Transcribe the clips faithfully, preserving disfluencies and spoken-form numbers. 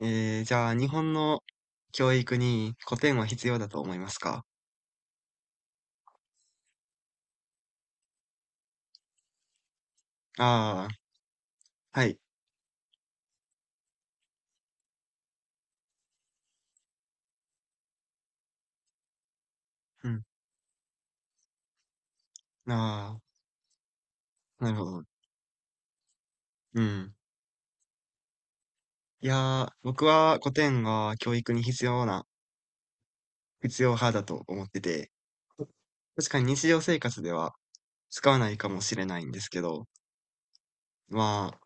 えー、じゃあ、日本の教育に古典は必要だと思いますか？ああー、はい。うん。ああ、なるほど。うん。いやー、僕は古典が教育に必要な、必要派だと思ってて、確かに日常生活では使わないかもしれないんですけど、まあ、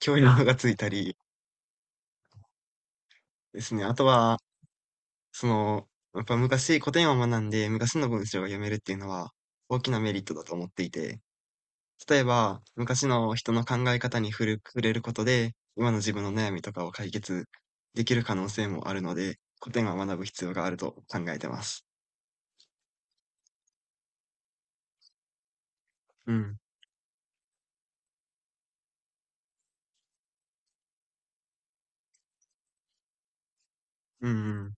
教養がついたりですね。あとは、その、やっぱ昔古典を学んで昔の文章が読めるっていうのは大きなメリットだと思っていて、例えば、昔の人の考え方に触れ触れることで、今の自分の悩みとかを解決できる可能性もあるので、古典は学ぶ必要があると考えてます。うん。うんうん。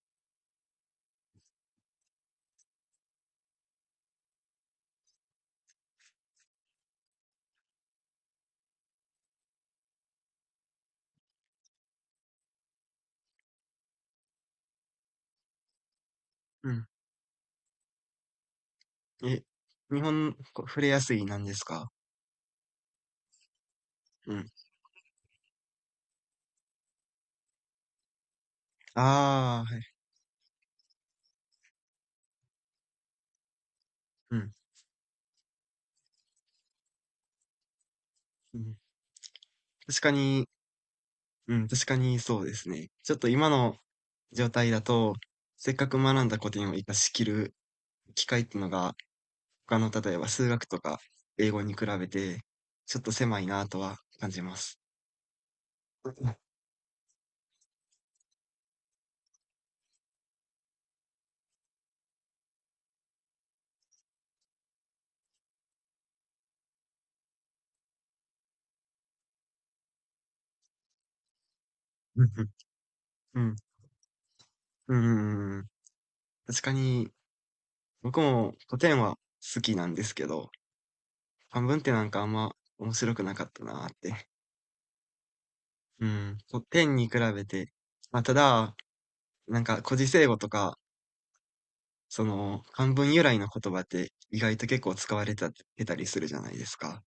うん。え、日本、こ触れやすいなんですか？うん。ああ、はい。うん。うん。確かに、うん、確かにそうですね。ちょっと今の状態だと、せっかく学んだ古典を活かしきる機会っていうのが他の例えば数学とか英語に比べて、ちょっと狭いなとは感じます。うんうん。うん。うんうんうん。確かに、僕も古典は好きなんですけど、漢文ってなんかあんま面白くなかったなって。うん。古典に比べて、まあ、ただ、なんか古事成語とか、その漢文由来の言葉って意外と結構使われたてたりするじゃないですか。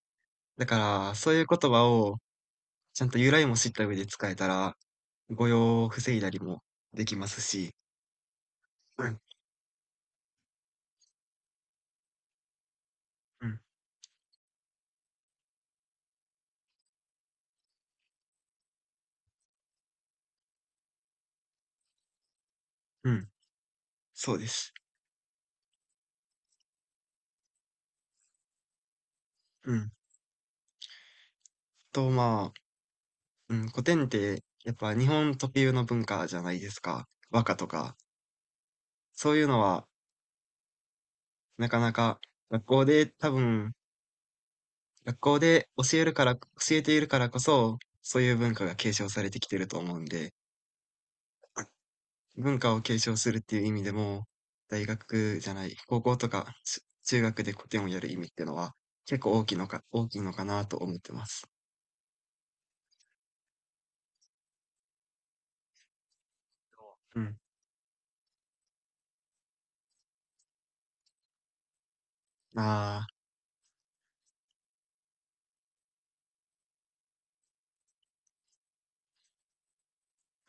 だから、そういう言葉をちゃんと由来も知った上で使えたら、誤用を防いだりもできますし、うん、うん、うん、そうです。うん。と、まあ、うん、古典ってやっぱ日本特有の文化じゃないですか。和歌とか。そういうのはなかなか学校で多分、学校で教えるから、教えているからこそ、そういう文化が継承されてきてると思うんで、文化を継承するっていう意味でも、大学じゃない、高校とか、し中学で古典をやる意味っていうのは、結構大きいのか大きいのかなと思ってます。うん。ああ、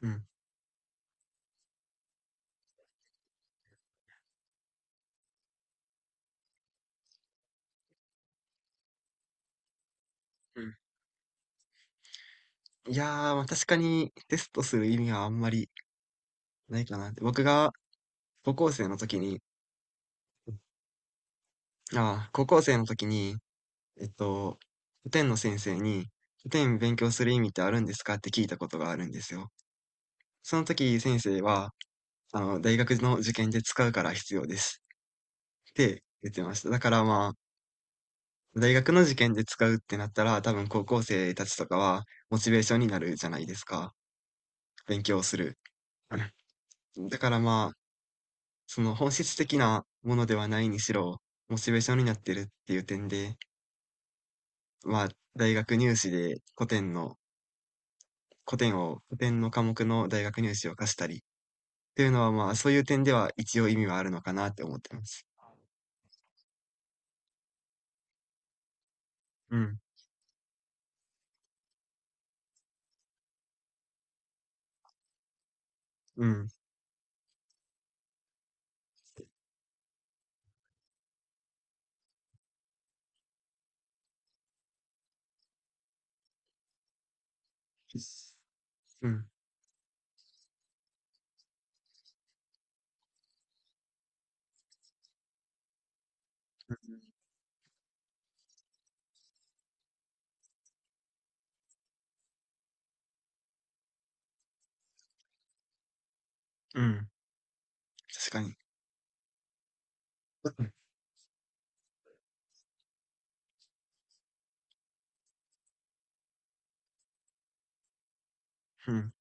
うん、うん。いやー、まあ確かにテストする意味はあんまりないかなって。僕が高校生の時に、ああ、高校生の時に、えっと、古典の先生に、古典勉強する意味ってあるんですかって聞いたことがあるんですよ。その時先生は、あの、大学の受験で使うから必要ですって言ってました。だからまあ、大学の受験で使うってなったら、多分高校生たちとかはモチベーションになるじゃないですか。勉強する。だからまあ、その本質的なものではないにしろ、モチベーションになってるっていう点で、まあ、大学入試で古典の、古典を、古典の科目の大学入試を課したり、っていうのはまあ、そういう点では一応意味はあるのかなって思ってます。うん、うん、うん、うん、確かに。うん。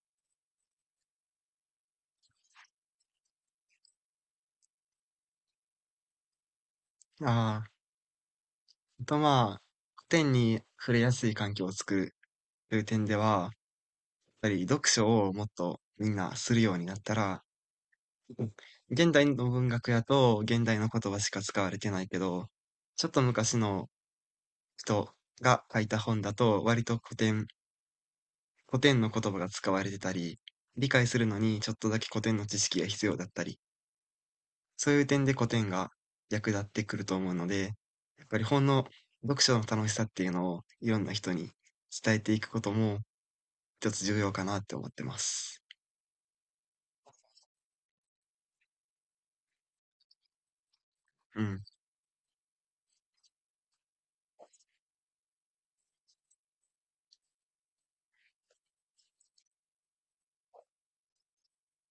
ああ、あとまあ、古典に触れやすい環境を作るという点では、やっぱり読書をもっとみんなするようになったら、うん、現代の文学やと現代の言葉しか使われてないけど、ちょっと昔の人が書いた本だと割と古典、古典の言葉が使われてたり、理解するのにちょっとだけ古典の知識が必要だったり、そういう点で古典が役立ってくると思うので、やっぱり本の読書の楽しさっていうのをいろんな人に伝えていくことも一つ重要かなって思ってます。うん。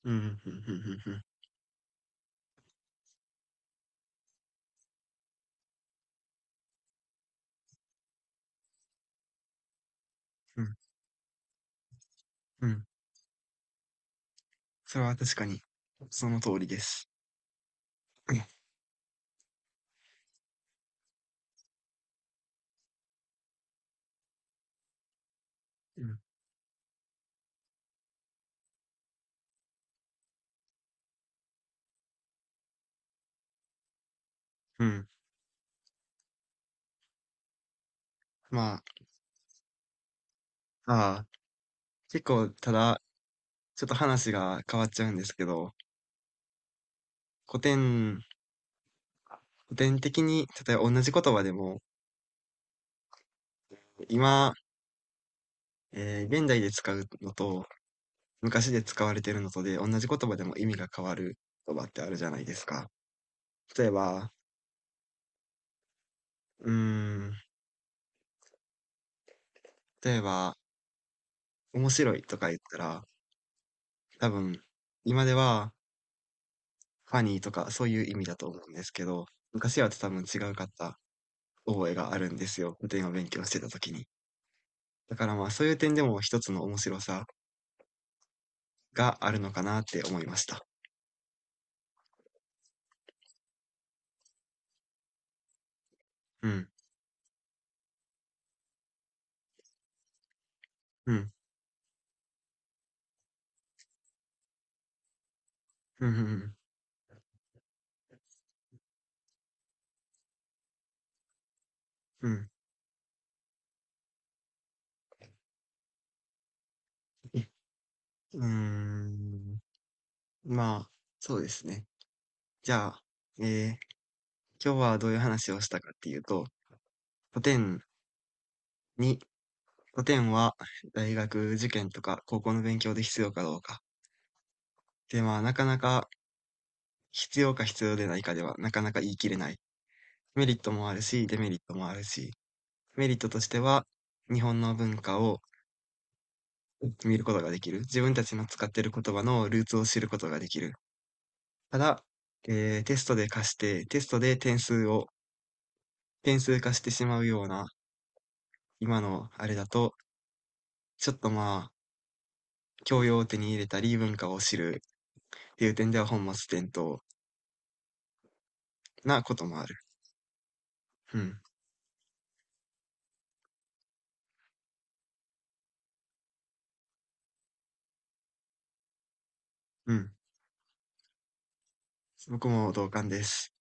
うん、うんうんうんうん。うん、うん。それは確かにその通りです。うん。うん。まあ、ああ、結構、ただ、ちょっと話が変わっちゃうんですけど、古典、古典的に、例えば同じ言葉でも、今、えー現代で使うのと、昔で使われてるのとで、同じ言葉でも意味が変わる言葉ってあるじゃないですか。例えば、うーん、例えば、面白いとか言ったら、多分、今では、ファニーとか、そういう意味だと思うんですけど、昔は多分違うかった覚えがあるんですよ。古典を勉強してた時に。だからまあそういう点でも一つの面白さがあるのかなって思いました。うん。うん。うんうんうん。うーん。まあ、そうですね。じゃあ、えー今日はどういう話をしたかっていうと、古典に古典は大学受験とか高校の勉強で必要かどうか。で、まあ、なかなか必要か必要でないかでは、なかなか言い切れない。メリットもあるし、デメリットもあるし、メリットとしては、日本の文化を見ることができる。自分たちの使っている言葉のルーツを知ることができる。ただ、えーテストで貸して、テストで点数を、点数化してしまうような、今のあれだと、ちょっとまあ、教養を手に入れたり、文化を知るっていう点では本末転倒なこともある。うん。うん。僕も同感です。